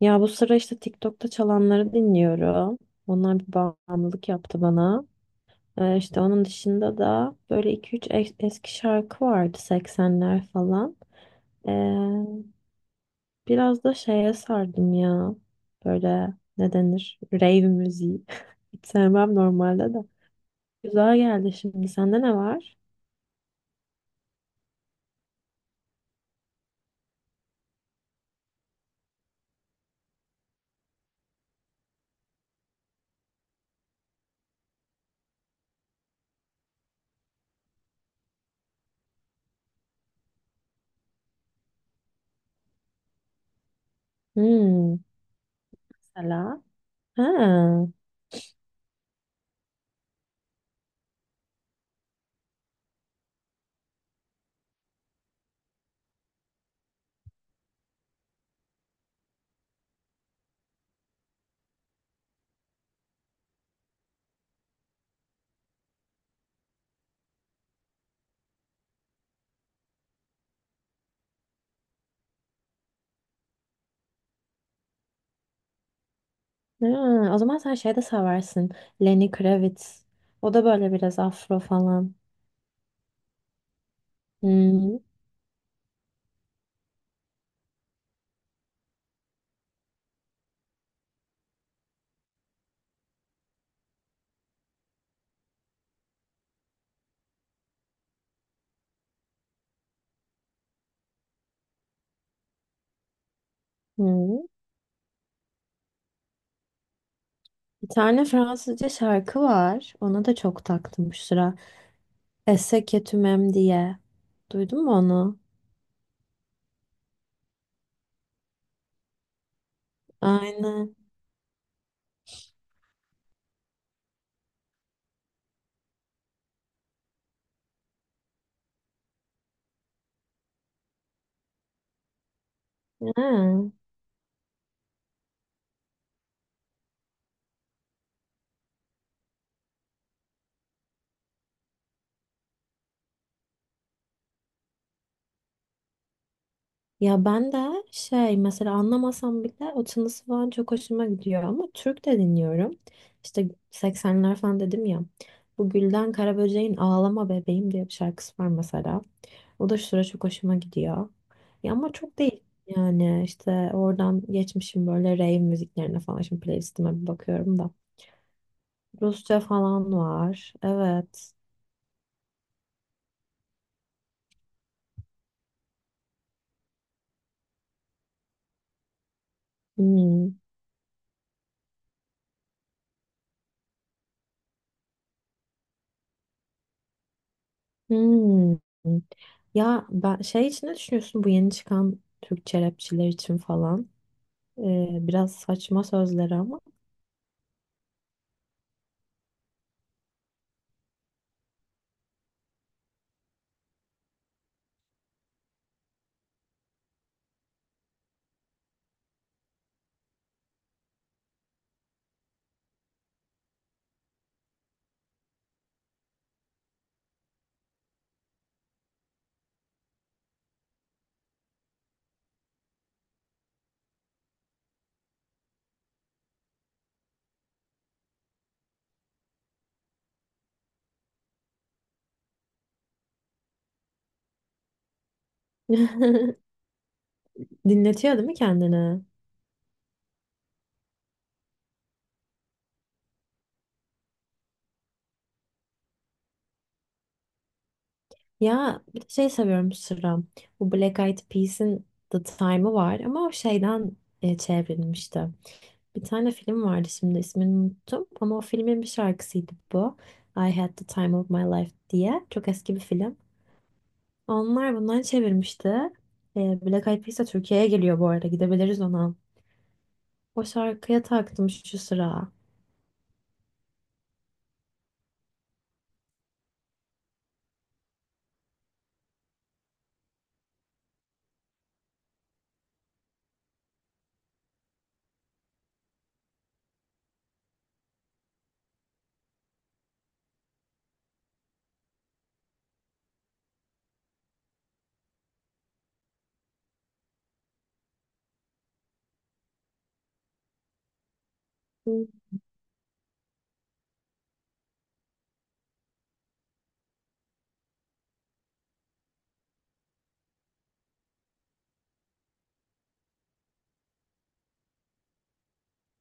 Ya bu sıra işte TikTok'ta çalanları dinliyorum. Onlar bir bağımlılık yaptı bana. İşte onun dışında da böyle iki üç eski şarkı vardı 80'ler falan. Ee, Biraz da şeye sardım ya. Böyle ne denir? Rave müziği. Hiç sevmem normalde de. Güzel geldi şimdi. Sende ne var? Hmm, mesela. Ha, ha, O zaman sen şey de seversin. Lenny Kravitz. O da böyle biraz afro falan. Hmm. Hmm. Bir tane Fransızca şarkı var. Ona da çok taktım şu sıra. Esse que tu m'aimes diye. Duydun mu onu? Aynen. Ha. Ya ben de şey mesela anlamasam bile o tınısı falan çok hoşuma gidiyor ama Türk de dinliyorum. İşte 80'ler falan dedim ya. Bu Gülden Karaböcek'in Ağlama Bebeğim diye bir şarkısı var mesela. O da şu sıra çok hoşuma gidiyor. Ya ama çok değil yani işte oradan geçmişim böyle rave müziklerine falan. Şimdi playlistime bir bakıyorum da. Rusça falan var. Evet. Hmm. Hmm. Ya ben şey için ne düşünüyorsun bu yeni çıkan Türkçe rapçiler için falan? Biraz saçma sözleri ama. Dinletiyor değil mi kendini? Ya bir de şey seviyorum Sıra. Bu Black Eyed Peas'in The Time'ı var ama o şeyden çevrilmişti. Bir tane film vardı şimdi ismini unuttum ama o filmin bir şarkısıydı bu. I Had The Time Of My Life diye. Çok eski bir film. Onlar bundan çevirmişti. Black Eyed Peas de Türkiye'ye geliyor bu arada. Gidebiliriz ona. O şarkıya taktım şu sıra. Hı.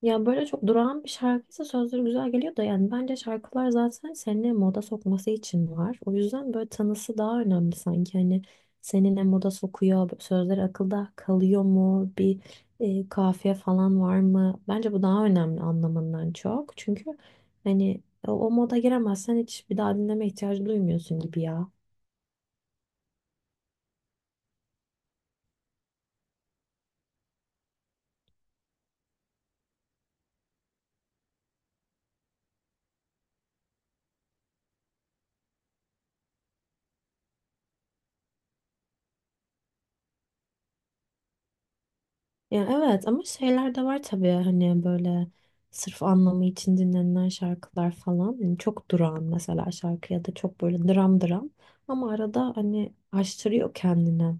Ya böyle çok durağan bir şarkıysa sözleri güzel geliyor da yani bence şarkılar zaten seni moda sokması için var. O yüzden böyle tanısı daha önemli sanki. Hani seni ne moda sokuyor, sözleri akılda kalıyor mu, bir kafiye falan var mı? Bence bu daha önemli anlamından çok. Çünkü hani o moda giremezsen hiç bir daha dinleme ihtiyacı duymuyorsun gibi ya. Ya evet ama şeyler de var tabii hani böyle sırf anlamı için dinlenilen şarkılar falan. Yani çok durağan mesela şarkı ya da çok böyle dram dram ama arada hani aştırıyor kendini.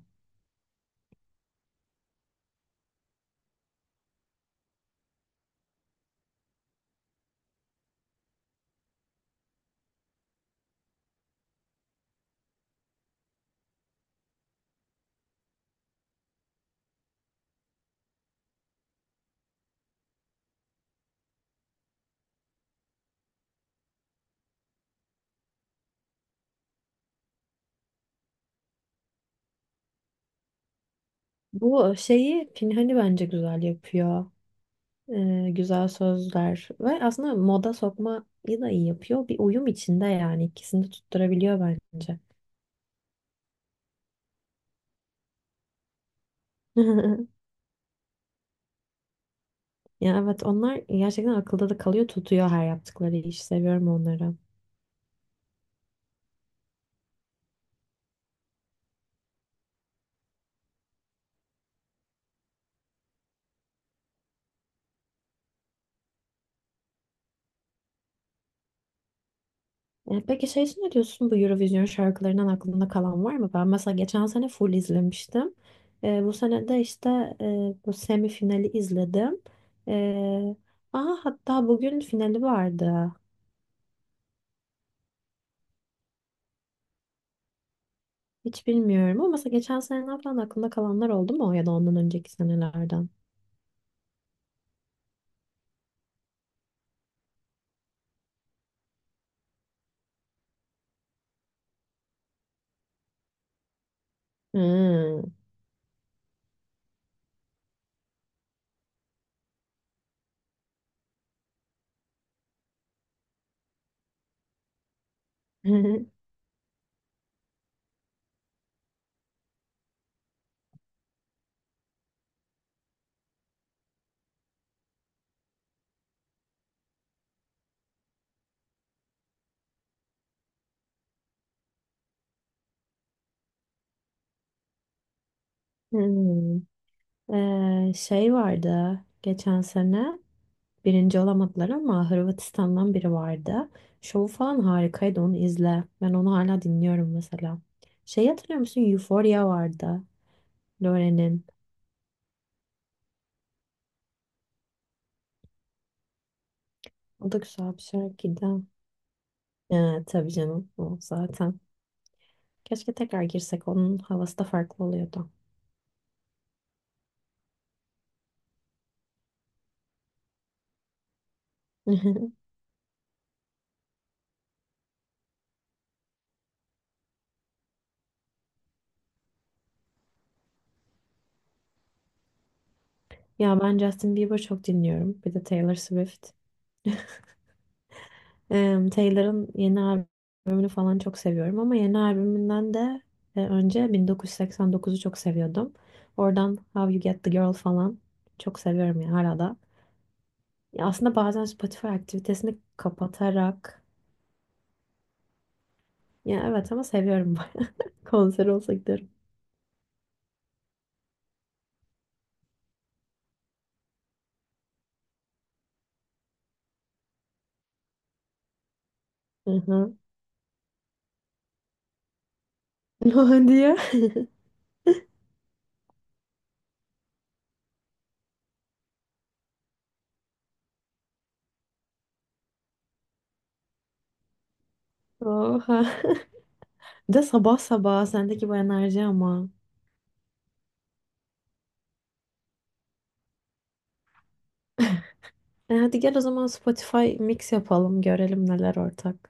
Bu şeyi Pinhani bence güzel yapıyor. Güzel sözler ve aslında moda sokmayı da iyi yapıyor. Bir uyum içinde yani ikisini de tutturabiliyor bence. Ya evet onlar gerçekten akılda da kalıyor tutuyor her yaptıkları iş. Seviyorum onları. E, peki şey için ne diyorsun bu Eurovision şarkılarından aklında kalan var mı? Ben mesela geçen sene full izlemiştim. Bu sene de işte bu semifinali izledim. E, aha hatta bugün finali vardı. Hiç bilmiyorum ama mesela geçen seneden falan aklında kalanlar oldu mu ya da ondan önceki senelerden? Hmm. Hmm. Şey vardı geçen sene. Birinci olamadılar ama Hırvatistan'dan biri vardı. Şovu falan harikaydı onu izle. Ben onu hala dinliyorum mesela. Şey hatırlıyor musun? Euphoria vardı. Lore'nin. O da güzel bir şarkıydı. Tabii canım o zaten. Keşke tekrar girsek onun havası da farklı oluyordu. Ya ben Justin Bieber çok dinliyorum. Bir de Taylor Swift. Em, Taylor'ın yeni albümünü falan çok seviyorum ama yeni albümünden de önce 1989'u çok seviyordum. Oradan How You Get the Girl falan çok seviyorum ya hala da. Ya aslında bazen Spotify aktivitesini kapatarak ya evet ama seviyorum konser olsa giderim. Hı hı. Ne diyor? Oha. Bir De sabah sabah sendeki bu enerji ama. E hadi gel o zaman Spotify mix yapalım görelim neler ortak.